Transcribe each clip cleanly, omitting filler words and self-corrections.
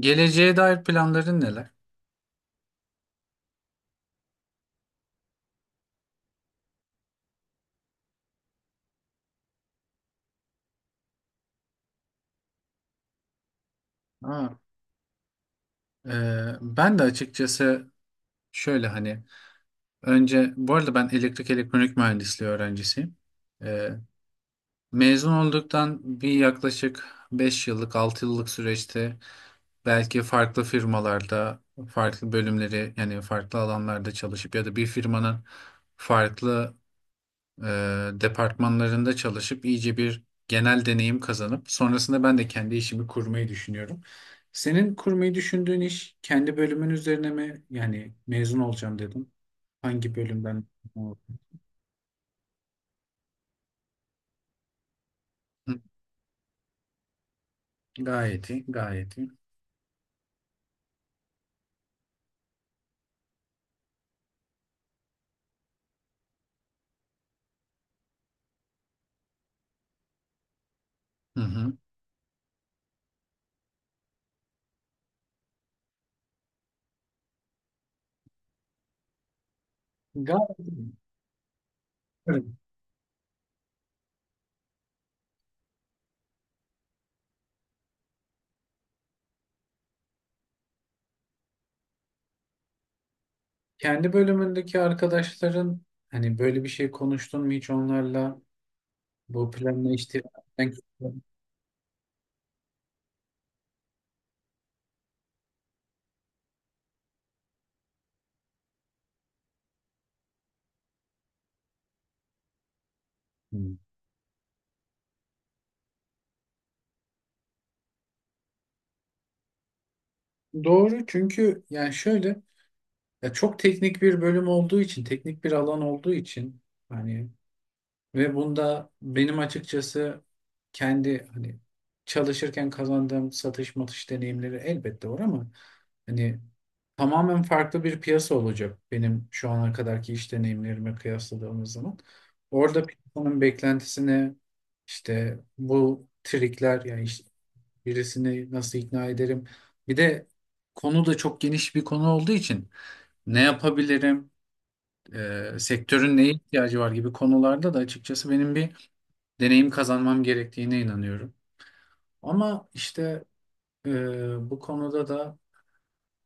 Geleceğe dair planların neler? Ha, e, Ben de açıkçası şöyle hani, önce bu arada, ben elektrik elektronik mühendisliği öğrencisiyim. E, Mezun olduktan bir yaklaşık 5 yıllık 6 yıllık süreçte belki farklı firmalarda farklı bölümleri, yani farklı alanlarda çalışıp ya da bir firmanın farklı e, departmanlarında çalışıp iyice bir genel deneyim kazanıp sonrasında ben de kendi işimi kurmayı düşünüyorum. Senin kurmayı düşündüğün iş kendi bölümün üzerine mi? Yani mezun olacağım dedim. Hangi bölümden? Hı. Gayet iyi, gayet iyi. Hı hı. Gayet iyi. Evet. Kendi bölümündeki arkadaşların hani böyle bir şey konuştun mu hiç onlarla? Bu planla işte. Hı. Doğru, çünkü yani şöyle, ya çok teknik bir bölüm olduğu için, teknik bir alan olduğu için, hani ve bunda benim açıkçası kendi hani çalışırken kazandığım satış matış deneyimleri elbette var, ama hani tamamen farklı bir piyasa olacak benim şu ana kadarki iş deneyimlerime kıyasladığımız zaman. Orada piyasanın beklentisine, işte bu trikler yani birisini nasıl ikna ederim? Bir de konu da çok geniş bir konu olduğu için ne yapabilirim? Sektörün neye ihtiyacı var gibi konularda da açıkçası benim bir deneyim kazanmam gerektiğine inanıyorum. Ama işte bu konuda da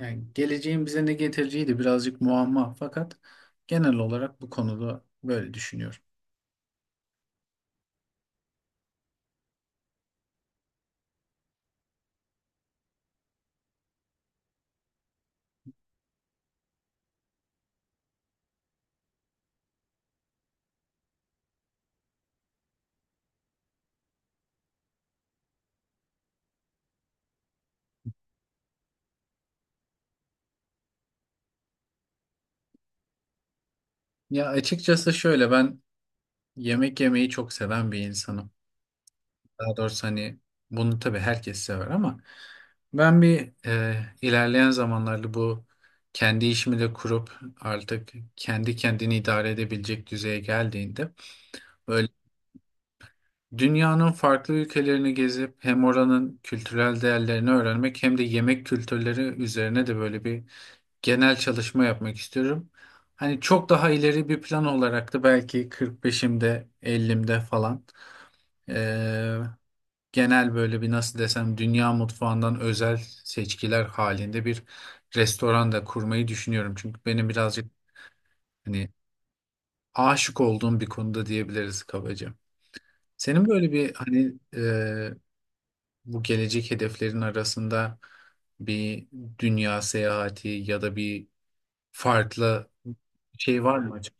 yani geleceğin bize ne getireceği de birazcık muamma. Fakat genel olarak bu konuda böyle düşünüyorum. Ya açıkçası şöyle, ben yemek yemeyi çok seven bir insanım. Daha doğrusu hani bunu tabii herkes sever, ama ben ilerleyen zamanlarda bu kendi işimi de kurup artık kendi kendini idare edebilecek düzeye geldiğinde böyle dünyanın farklı ülkelerini gezip hem oranın kültürel değerlerini öğrenmek hem de yemek kültürleri üzerine de böyle bir genel çalışma yapmak istiyorum. Hani çok daha ileri bir plan olarak da belki 45'imde 50'imde falan genel böyle bir, nasıl desem, dünya mutfağından özel seçkiler halinde bir restoran da kurmayı düşünüyorum. Çünkü benim birazcık hani aşık olduğum bir konuda diyebiliriz kabaca. Senin böyle bir hani, bu gelecek hedeflerin arasında bir dünya seyahati ya da bir farklı şey var mı acaba?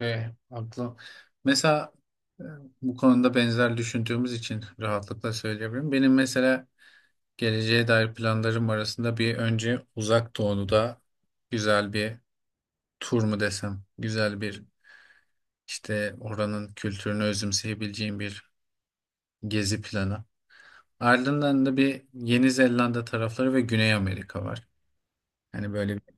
Ve aklım mesela e, bu konuda benzer düşündüğümüz için rahatlıkla söyleyebilirim. Benim mesela geleceğe dair planlarım arasında bir önce Uzak Doğu'da güzel bir tur mu desem, güzel bir işte oranın kültürünü özümseyebileceğim bir gezi planı. Ardından da bir Yeni Zelanda tarafları ve Güney Amerika var. Hani böyle bir.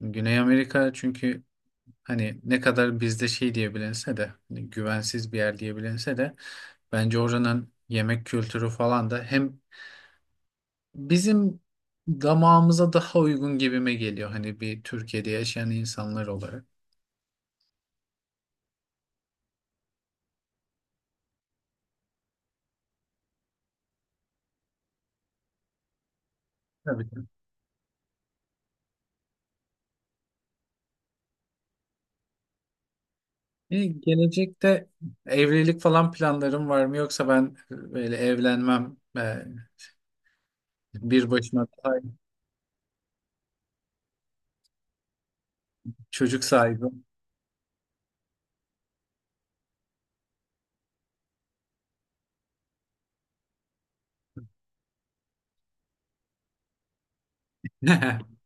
Güney Amerika çünkü hani ne kadar bizde şey diyebilinse de, hani güvensiz bir yer diyebilinse de, bence oranın yemek kültürü falan da hem bizim damağımıza daha uygun gibime geliyor, hani bir Türkiye'de yaşayan insanlar olarak. Tabii ki. E, gelecekte evlilik falan planlarım var mı yoksa ben böyle evlenmem bir başıma daha çocuk sahibi.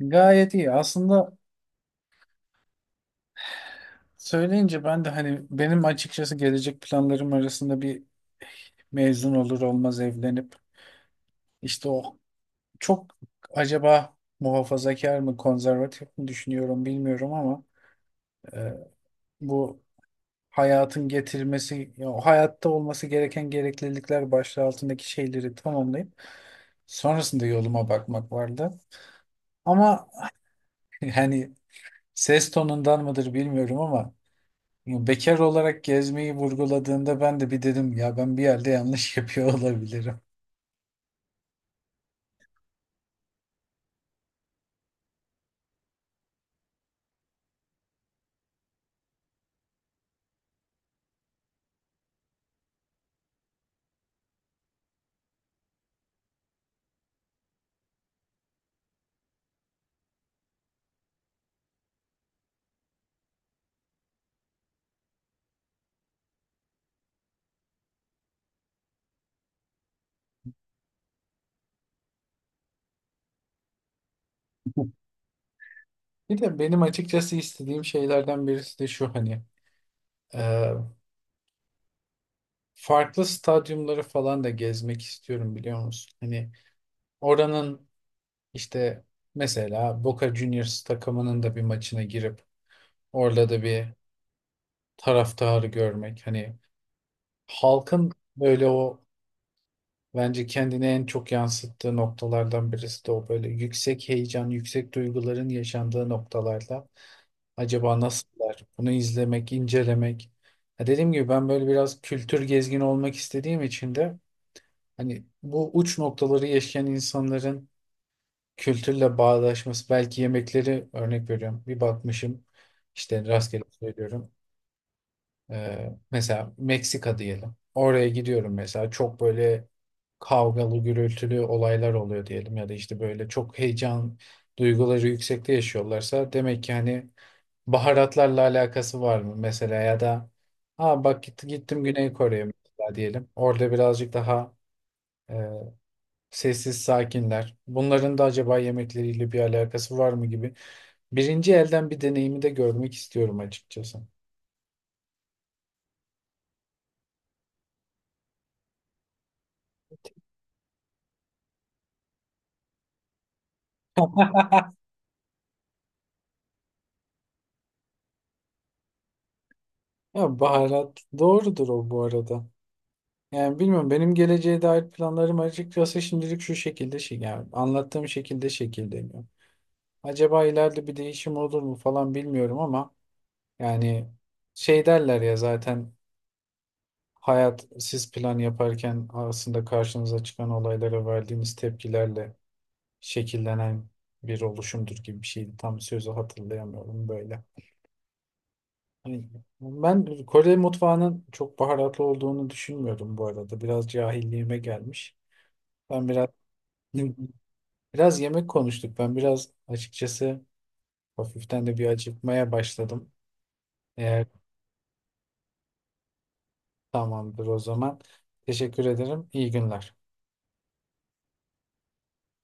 Gayet iyi. Aslında söyleyince ben de hani, benim açıkçası gelecek planlarım arasında bir mezun olur olmaz evlenip işte o çok, acaba muhafazakar mı konservatif mi düşünüyorum bilmiyorum, ama E, bu hayatın getirmesi, ya o hayatta olması gereken gereklilikler başlığı altındaki şeyleri tamamlayıp sonrasında yoluma bakmak vardı. Ama hani ses tonundan mıdır bilmiyorum, ama bekar olarak gezmeyi vurguladığında ben de bir dedim, ya ben bir yerde yanlış yapıyor olabilirim. Bir de benim açıkçası istediğim şeylerden birisi de şu, hani e, farklı stadyumları falan da gezmek istiyorum, biliyor musun? Hani oranın, İşte mesela Boca Juniors takımının da bir maçına girip orada da bir taraftarı görmek. Hani halkın böyle, o bence kendini en çok yansıttığı noktalardan birisi de o, böyle yüksek heyecan, yüksek duyguların yaşandığı noktalarda acaba nasıllar? Bunu izlemek, incelemek. Ya dediğim gibi ben böyle biraz kültür gezgini olmak istediğim için de hani bu uç noktaları yaşayan insanların kültürle bağdaşması, belki yemekleri, örnek veriyorum. Bir bakmışım, işte rastgele söylüyorum. Mesela Meksika diyelim. Oraya gidiyorum mesela, çok böyle kavgalı gürültülü olaylar oluyor diyelim ya da işte böyle çok heyecan, duyguları yüksekte yaşıyorlarsa demek ki hani baharatlarla alakası var mı mesela, ya da ha bak gittim Güney Kore'ye mesela diyelim. Orada birazcık daha e, sessiz sakinler. Bunların da acaba yemekleriyle bir alakası var mı gibi. Birinci elden bir deneyimi de görmek istiyorum açıkçası. Ya baharat doğrudur o bu arada. Yani bilmiyorum, benim geleceğe dair planlarım açıkçası şimdilik şu şekilde, şey yani anlattığım şekilde şekilleniyor. Acaba ileride bir değişim olur mu falan bilmiyorum, ama yani şey derler ya zaten, hayat siz plan yaparken aslında karşınıza çıkan olaylara verdiğiniz tepkilerle şekillenen bir oluşumdur gibi bir şeydi. Tam sözü hatırlayamıyorum böyle. Hani, ben Kore mutfağının çok baharatlı olduğunu düşünmüyordum bu arada. Biraz cahilliğime gelmiş. Ben biraz biraz yemek konuştuk. Ben biraz açıkçası hafiften de bir acıkmaya başladım. Eğer, tamamdır o zaman. Teşekkür ederim. İyi günler.